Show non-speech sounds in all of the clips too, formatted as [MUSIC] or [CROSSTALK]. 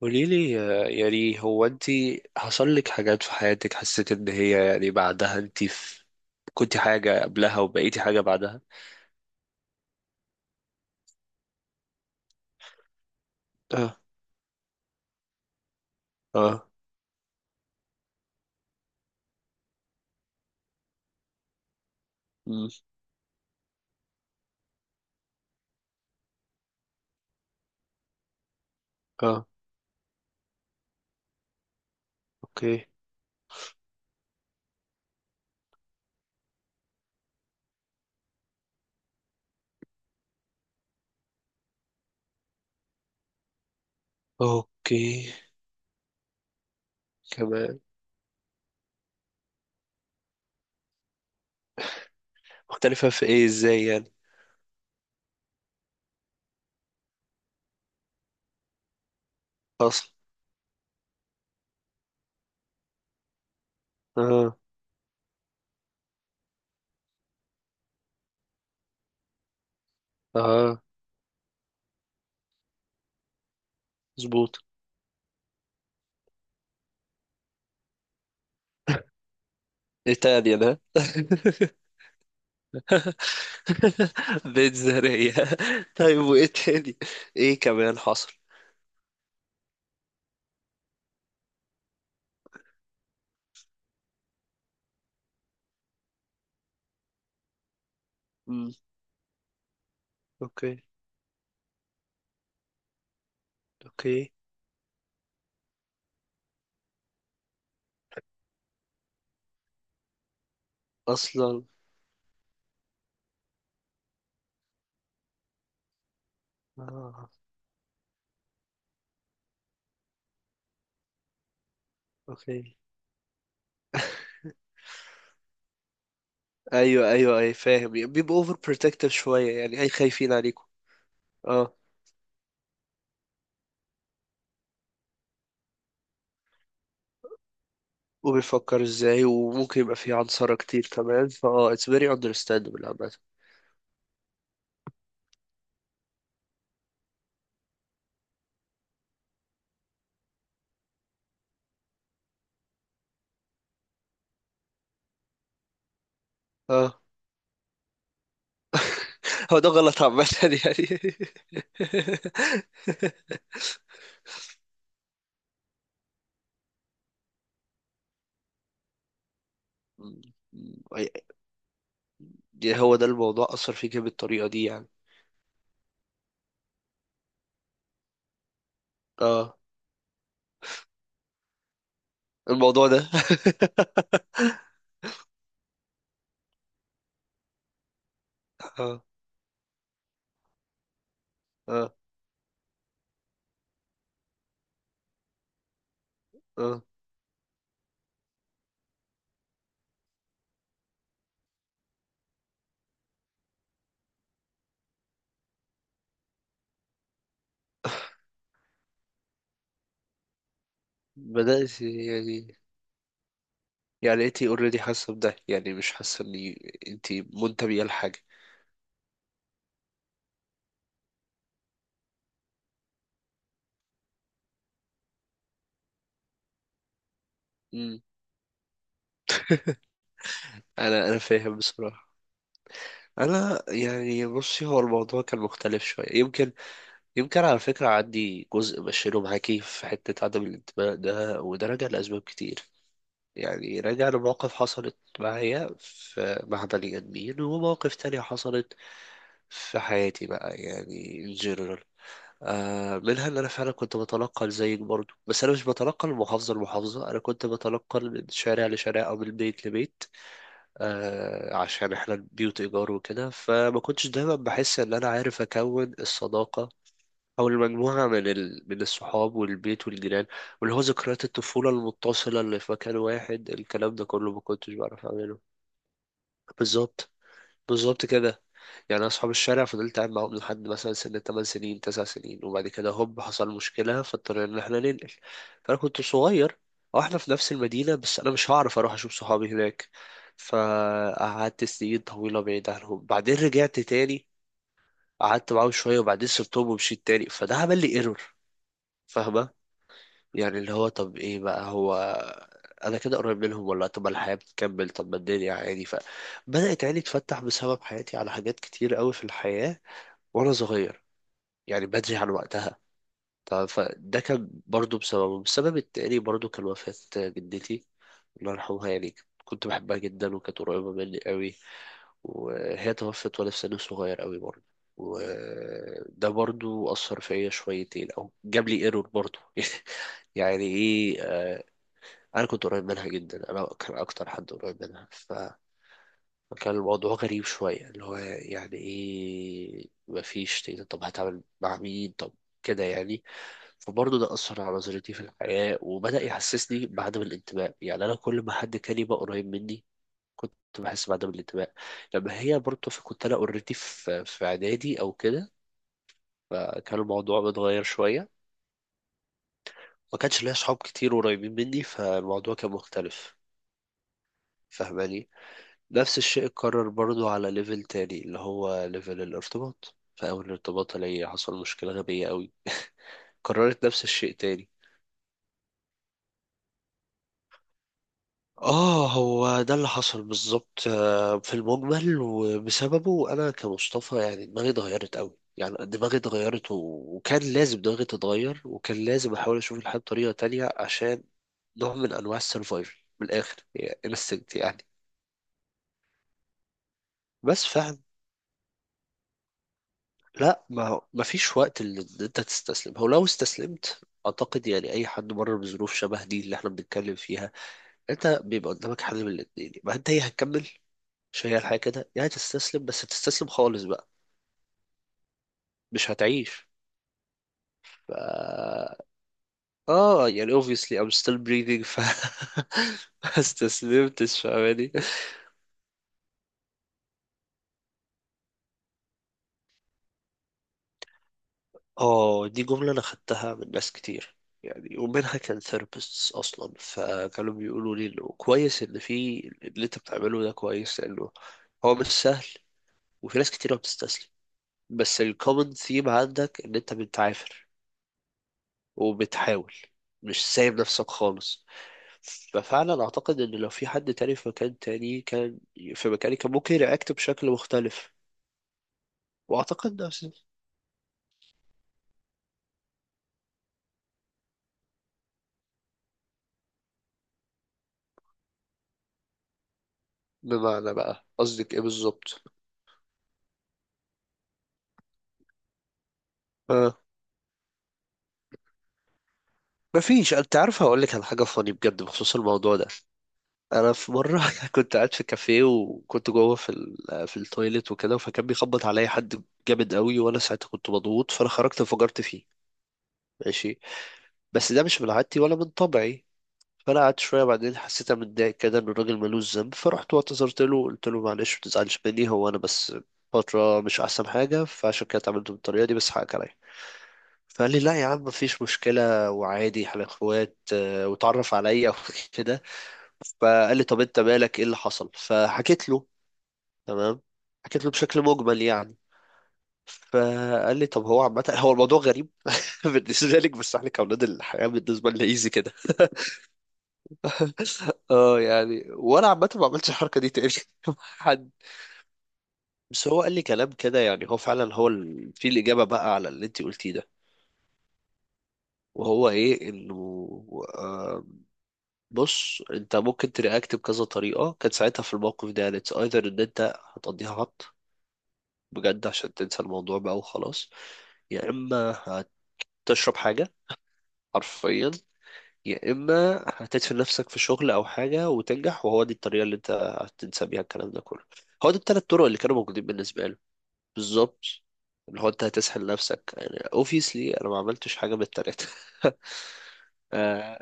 قولي لي، يعني هو انت حصل لك حاجات في حياتك حسيت ان هي يعني بعدها انت، في كنت حاجة قبلها وبقيتي حاجة بعدها؟ اه. اه. مم. اه. اوكي. اوكي كمان. مختلفة في ايه؟ ازاي يعني؟ اصلا. اه. اه. مظبوط. ايه تاني انا؟ [LAUGHS] بيت زرية. طيب وايه تاني؟ ايه كمان حصل؟ مم. اوكي. اوكي. اصلا. اه. اوكي. ايوه ايوه، اي فاهم، بيبقوا اوفر بروتكتيف شويه يعني، اي خايفين عليكم. اه، وبيفكر ازاي، وممكن يبقى فيه عنصرة كتير كمان، فاه it's very understandable عامة. اه. هو ده غلط عامة، يعني. [LAUGHS] يعني هو ده الموضوع أثر فيك بالطريقة دي يعني؟ اه. الموضوع ده. [LAUGHS] اه. اه. اه. بدأت يعني؟ يعني انتي اوريدي حاسة بده؟ يعني مش حاسة اني، انتي منتبهة لحاجة. انا فاهم بصراحه. انا يعني، بصي، هو الموضوع كان مختلف شويه يمكن. يمكن على فكره عندي جزء بشيله معاكي في حته عدم الانتماء ده، وده راجع لاسباب كتير. يعني راجع لمواقف حصلت معايا في، مع بني ادمين، ومواقف تانية حصلت في حياتي بقى، يعني in general. منها ان انا فعلا كنت بتنقل زيك برضو، بس انا مش بتنقل من محافظه لمحافظه، انا كنت بتنقل من شارع لشارع او من بيت لبيت. عشان احنا البيوت ايجار وكده، فما كنتش دايما بحس ان انا عارف اكون الصداقه او المجموعه من الصحاب والبيت والجيران، واللي هو ذكريات الطفوله المتصله اللي في مكان واحد، الكلام ده كله ما كنتش بعرف اعمله. بالظبط. بالظبط كده، يعني. أنا أصحاب الشارع فضلت قاعد معاهم لحد مثلا سن 8 سنين 9 سنين، وبعد كده هوب حصل مشكلة فاضطرينا إن إحنا ننقل. فأنا كنت صغير، أو إحنا في نفس المدينة بس أنا مش هعرف أروح أشوف صحابي هناك. فقعدت سنين طويلة بعيد عنهم، بعدين رجعت تاني، قعدت معاهم شوية وبعدين سبتهم ومشيت تاني، فده عمل لي ايرور. فاهمة؟ يعني اللي هو طب إيه بقى هو، أنا كده قريب منهم ولا؟ طب ما الحياة بتكمل، طب ما الدنيا عادي. ف بدأت عيني تفتح بسبب حياتي على حاجات كتير قوي في الحياة وانا صغير، يعني بدري عن وقتها. طب فده كان برضو بسببه. السبب التاني برضو كان وفاة جدتي، الله يرحمها، يعني كنت بحبها جدا وكانت قريبة مني قوي، وهي توفت وانا في سن صغير قوي برضو. وده برضو أثر فيا شويتين، أو جاب لي ايرور برضو. [LAUGHS] يعني ايه، أنا كنت قريب منها جدا، أنا كان أكتر حد قريب منها. ف كان الموضوع غريب شوية، اللي هو يعني ايه مفيش تقدر، طب هتعمل مع مين؟ طب كده يعني. فبرضه ده أثر على نظرتي في الحياة وبدأ يحسسني بعدم الانتماء. يعني أنا كل ما حد كان يبقى قريب مني كنت بحس بعدم الانتماء. لما هي برضه كنت أنا أوريدي في إعدادي أو كده، فكان الموضوع متغير شوية. ما كانش ليا أصحاب كتير قريبين مني، فالموضوع كان مختلف. فاهماني؟ نفس الشيء اتكرر برضو على ليفل تاني، اللي هو ليفل الارتباط. في أول ارتباط ليا حصل مشكلة غبية قوي، كررت نفس الشيء تاني. اه، هو ده اللي حصل بالظبط، في المجمل. وبسببه انا كمصطفى يعني دماغي اتغيرت قوي، يعني دماغي اتغيرت، و... وكان لازم دماغي تتغير، وكان لازم احاول اشوف الحياة بطريقة تانية، عشان نوع من انواع السرفايفل من الاخر، يعني انستنكت يعني. بس فعلا، لا، ما هو ما فيش وقت اللي انت تستسلم. هو لو استسلمت، اعتقد يعني اي حد مر بظروف شبه دي اللي احنا بنتكلم فيها، انت بيبقى قدامك حل من الاتنين. ما انت هي هتكمل، مش هي الحياة كده، يعني تستسلم بس تستسلم خالص بقى مش هتعيش. ف... اه يعني obviously I'm still breathing. ف [LAUGHS] ما استسلمتش، فاهماني؟ اه، دي جملة أنا خدتها من ناس كتير، يعني ومنها كان ثيرابيستس أصلا، فكانوا بيقولوا لي إنه كويس، إن في اللي أنت بتعمله ده كويس، لأنه هو مش سهل، وفي ناس كتير ما بتستسلم. بس الكومن ثيم عندك إن أنت بتعافر وبتحاول، مش سايب نفسك خالص. ففعلا أعتقد إن لو في حد تاني في مكان تاني كان، في مكاني، كان ممكن يرياكت بشكل مختلف. وأعتقد نفس، بمعنى بقى قصدك إيه بالظبط؟ آه. مفيش. انت عارف هقول لك على حاجه فاني بجد بخصوص الموضوع ده. انا في مره [LAUGHS] كنت قاعد في كافيه، وكنت جوه في التويليت وكده، فكان بيخبط عليا حد جامد قوي، وانا ساعتها كنت مضغوط، فانا خرجت انفجرت فيه. ماشي. بس ده مش من عادتي ولا من طبعي. فانا قعدت شويه، بعدين حسيت أنا متضايق كده، ان الراجل ملوش ذنب، فرحت واعتذرت له، قلت له معلش ما تزعلش مني، هو انا بس فتره مش احسن حاجه، فعشان كده اتعاملت بالطريقه دي، بس حقك عليا. فقال لي لا يا عم، مفيش مشكلة وعادي، احنا اخوات، واتعرف عليا [LAUGHS] وكده. فقال لي طب انت مالك، ايه اللي حصل؟ فحكيت له. تمام، حكيت له بشكل مجمل يعني. فقال لي طب، هو عامة هو الموضوع غريب [LAUGHS] بالنسبة لك، بس احنا كأولاد الحياة بالنسبة لنا ايزي كده. [LAUGHS] اه يعني، وانا عامة ما عملتش الحركة دي تاني [LAUGHS] مع حد. بس هو قال لي كلام كده، يعني هو فعلا، هو في الإجابة بقى على اللي انت قلتيه ده، وهو ايه، انه، آه، بص انت ممكن ترياكت بكذا طريقة كانت ساعتها في الموقف ده. يعني اتس ايذر ان انت هتقضيها هبط بجد عشان تنسى الموضوع بقى وخلاص، يا اما هتشرب حاجة حرفيا، يا اما هتدفن نفسك في شغل او حاجة وتنجح، وهو دي الطريقة اللي انت هتنسى بيها الكلام ده كله. هو دي التلات طرق اللي كانوا موجودين بالنسبة له. بالظبط، اللي هو انت هتسحل نفسك. يعني obviously انا ما عملتش حاجة من التلاتة. [LAUGHS] آه.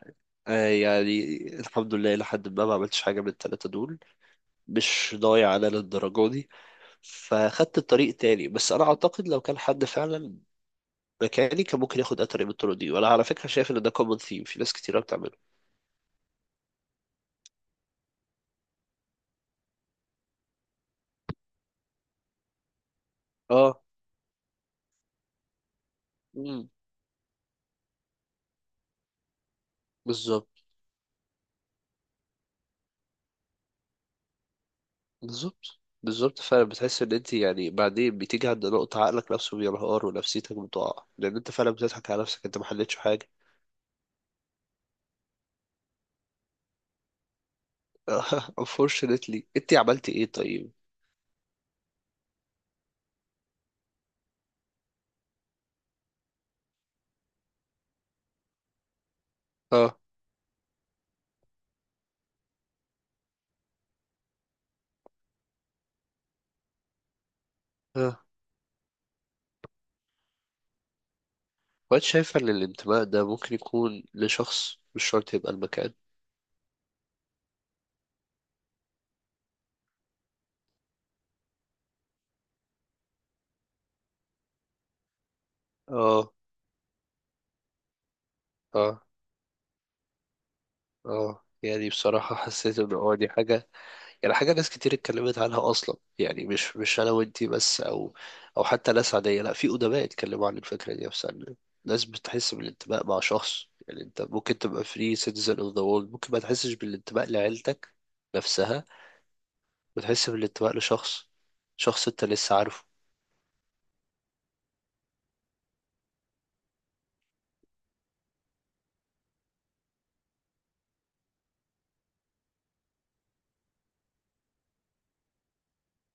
آه يعني الحمد لله لحد ما ما عملتش حاجة من التلاتة دول، مش ضايع على للدرجة دي. فخدت الطريق تاني. بس أنا أعتقد لو كان حد فعلا مكاني، كان ممكن ياخد أي طريق من الطرق دي، وأنا على فكرة شايف إن ده كومن ثيم في ناس كتيرة بتعمله. اه. مم. بالظبط. بالظبط بالظبط فعلا، بتحس إن أنت يعني بعدين بتيجي عند نقطة عقلك نفسه بينهار ونفسيتك بتقع، لأن أنت فعلا بتضحك على نفسك، أنت ما حلتش حاجة. [LAUGHS] unfortunately أنت عملت إيه طيب؟ اه. اه. وأنت شايفة إن الانتماء ده ممكن يكون لشخص، مش شرط يبقى المكان؟ اه. اه. اه يعني بصراحة حسيت ان اه دي حاجة، يعني حاجة ناس كتير اتكلمت عنها اصلا، يعني مش انا وانتي بس، او او حتى ناس عادية، لا، في ادباء اتكلموا عن الفكرة دي نفسها، إن ناس بتحس بالانتماء مع شخص. يعني انت ممكن تبقى فري citizen of the world، ممكن ما تحسش بالانتماء لعيلتك نفسها وتحس بالانتماء لشخص، شخص انت لسه عارفه.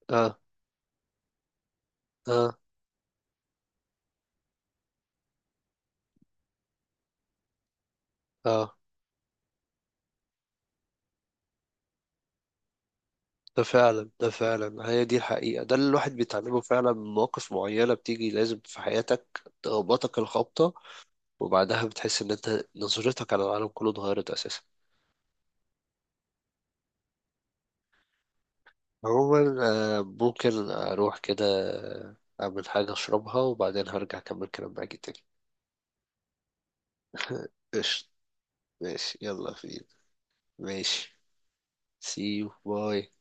اه. اه. اه ده فعلا، ده فعلا هي دي الحقيقة، ده اللي الواحد بيتعلمه فعلا من مواقف معينة بتيجي لازم في حياتك تخبطك الخبطة، وبعدها بتحس ان انت نظرتك على العالم كله اتغيرت اساسا. عموما، ممكن اروح كده آه، اعمل حاجة اشربها، وبعدين هرجع اكمل كلام معاك تاني. [LAUGHS] قشطة. ماشي، يلا فين. ماشي. see you، باي.